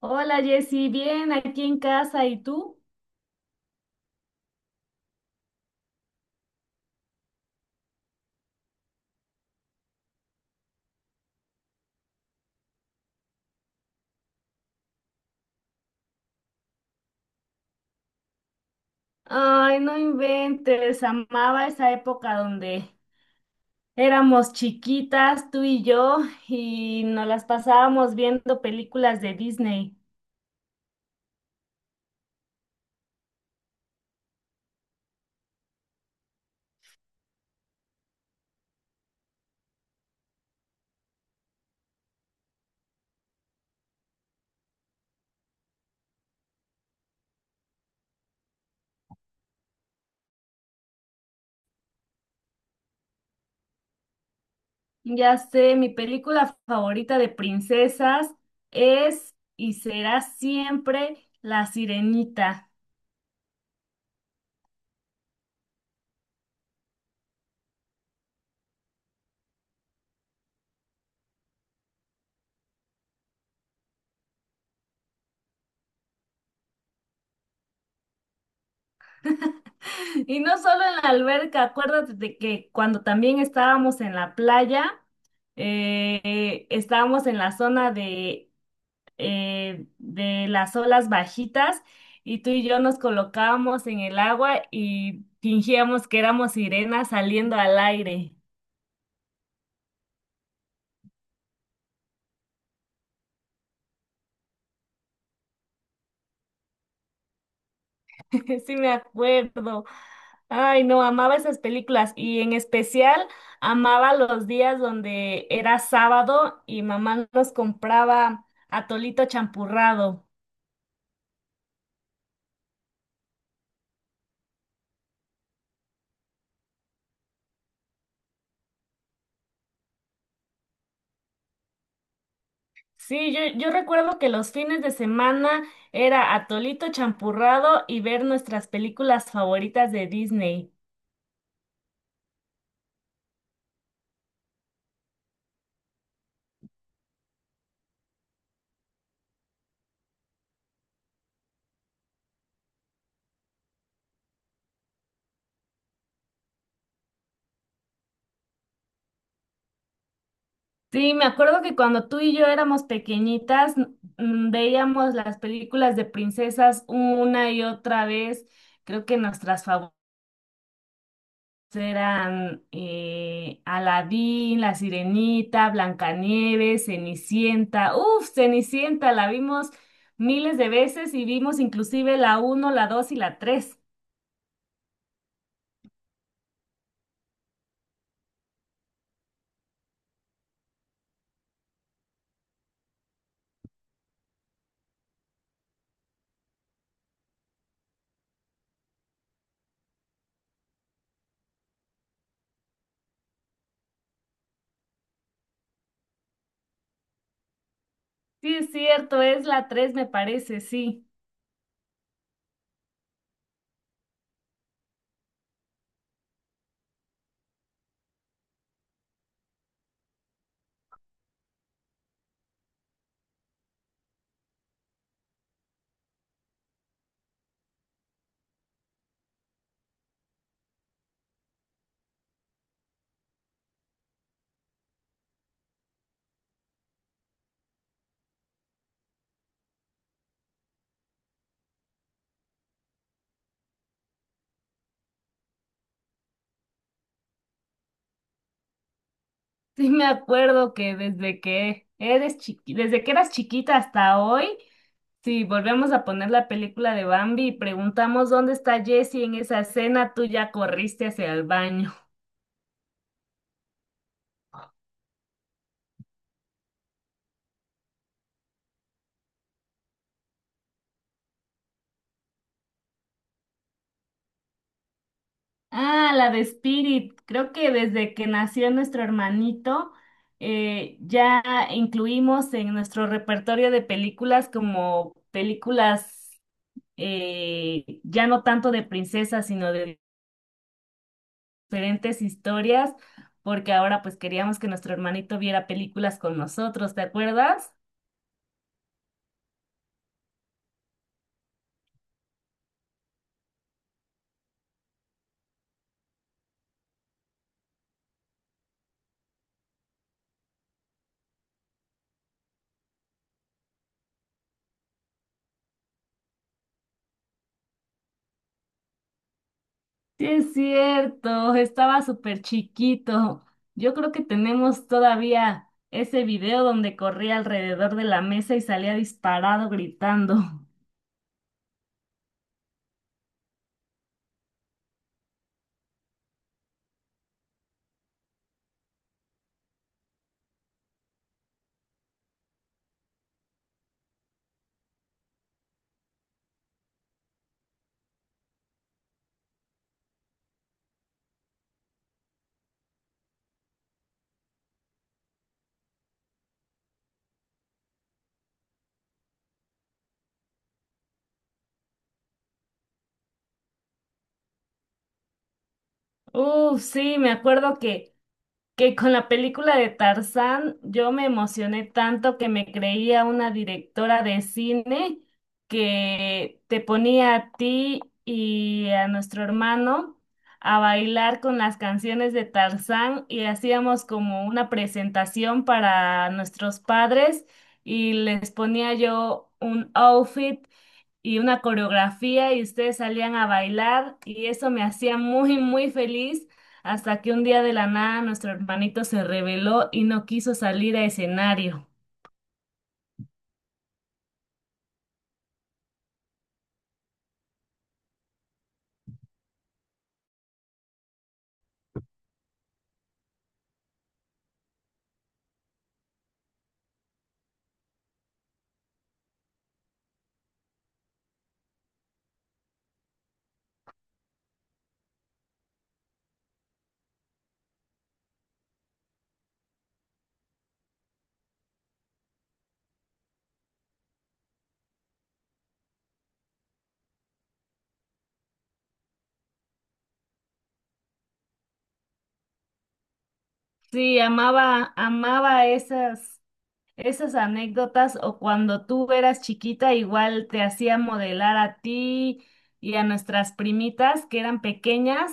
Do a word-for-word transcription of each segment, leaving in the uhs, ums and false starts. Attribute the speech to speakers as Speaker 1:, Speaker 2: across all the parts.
Speaker 1: Hola Jessy, bien aquí en casa, ¿y tú? Ay, no inventes, amaba esa época donde éramos chiquitas, tú y yo, y nos las pasábamos viendo películas de Disney. Ya sé, mi película favorita de princesas es y será siempre La Sirenita. Y no solo en la alberca, acuérdate de que cuando también estábamos en la playa, eh, estábamos en la zona de eh, de las olas bajitas y tú y yo nos colocábamos en el agua y fingíamos que éramos sirenas saliendo al aire. Sí me acuerdo. Ay, no, amaba esas películas y en especial amaba los días donde era sábado y mamá nos compraba atolito champurrado. Sí, yo, yo recuerdo que los fines de semana era atolito champurrado y ver nuestras películas favoritas de Disney. Sí, me acuerdo que cuando tú y yo éramos pequeñitas, mm, veíamos las películas de princesas una y otra vez. Creo que nuestras favoritas eran eh, Aladín, La Sirenita, Blancanieves, Cenicienta. Uf, Cenicienta, la vimos miles de veces y vimos inclusive la uno, la dos y la tres. Sí, es cierto, es la tres me parece, sí. Sí, me acuerdo que desde que eres chiqui- desde que eras chiquita hasta hoy. Si volvemos a poner la película de Bambi y preguntamos dónde está Jessie en esa escena, tú ya corriste hacia el baño. Ah, la de Spirit. Creo que desde que nació nuestro hermanito, eh, ya incluimos en nuestro repertorio de películas como películas eh, ya no tanto de princesas, sino de diferentes historias, porque ahora pues queríamos que nuestro hermanito viera películas con nosotros, ¿te acuerdas? Sí, es cierto, estaba súper chiquito. Yo creo que tenemos todavía ese video donde corría alrededor de la mesa y salía disparado gritando. Uf, sí, me acuerdo que que con la película de Tarzán yo me emocioné tanto que me creía una directora de cine que te ponía a ti y a nuestro hermano a bailar con las canciones de Tarzán y hacíamos como una presentación para nuestros padres y les ponía yo un outfit y una coreografía y ustedes salían a bailar y eso me hacía muy, muy feliz hasta que un día de la nada nuestro hermanito se rebeló y no quiso salir a escenario. Sí, amaba, amaba esas, esas anécdotas o cuando tú eras chiquita igual te hacía modelar a ti y a nuestras primitas que eran pequeñas,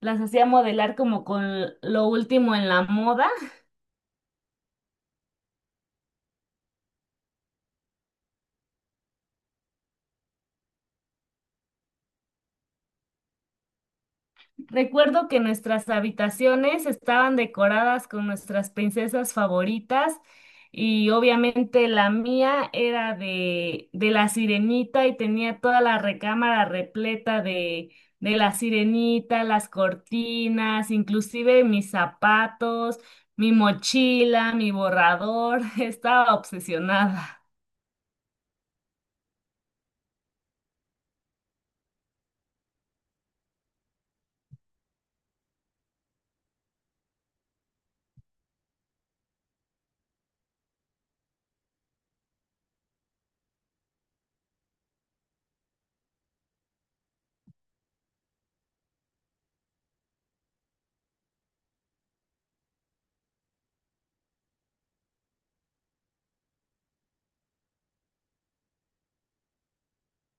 Speaker 1: las hacía modelar como con lo último en la moda. Recuerdo que nuestras habitaciones estaban decoradas con nuestras princesas favoritas y obviamente la mía era de, de la sirenita y tenía toda la recámara repleta de, de la sirenita, las cortinas, inclusive mis zapatos, mi mochila, mi borrador. Estaba obsesionada.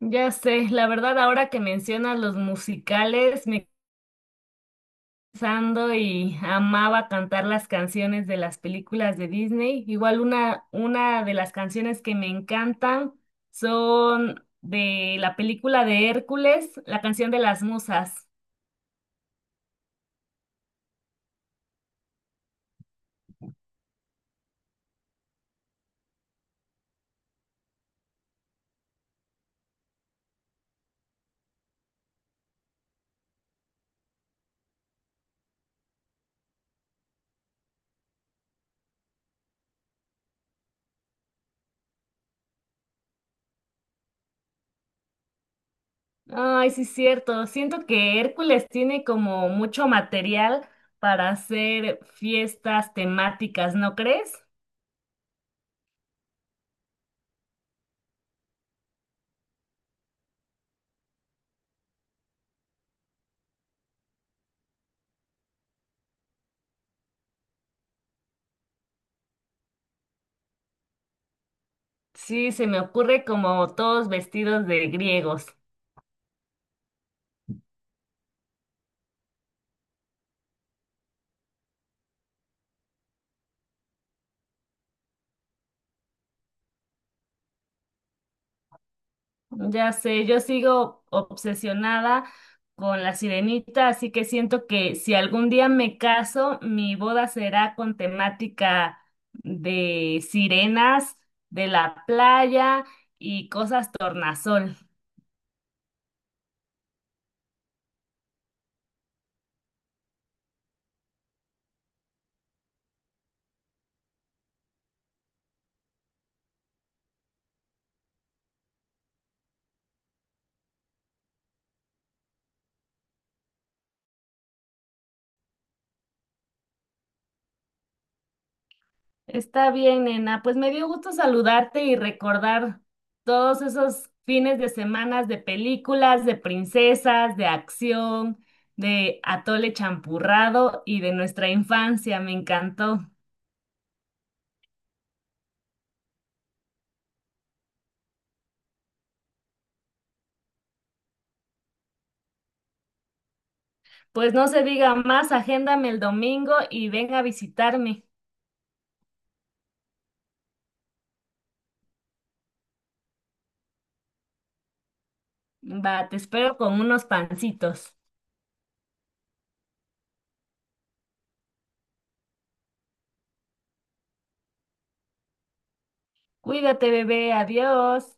Speaker 1: Ya sé, la verdad ahora que mencionas los musicales, me pensando y amaba cantar las canciones de las películas de Disney. Igual una, una de las canciones que me encantan son de la película de Hércules, la canción de las musas. Ay, sí, es cierto. Siento que Hércules tiene como mucho material para hacer fiestas temáticas, ¿no crees? Sí, se me ocurre como todos vestidos de griegos. Ya sé, yo sigo obsesionada con la sirenita, así que siento que si algún día me caso, mi boda será con temática de sirenas, de la playa y cosas tornasol. Está bien, nena, pues me dio gusto saludarte y recordar todos esos fines de semanas de películas, de princesas, de acción, de atole champurrado y de nuestra infancia. Me encantó. Pues no se diga más, agéndame el domingo y ven a visitarme. Va, te espero con unos pancitos. Cuídate, bebé, adiós.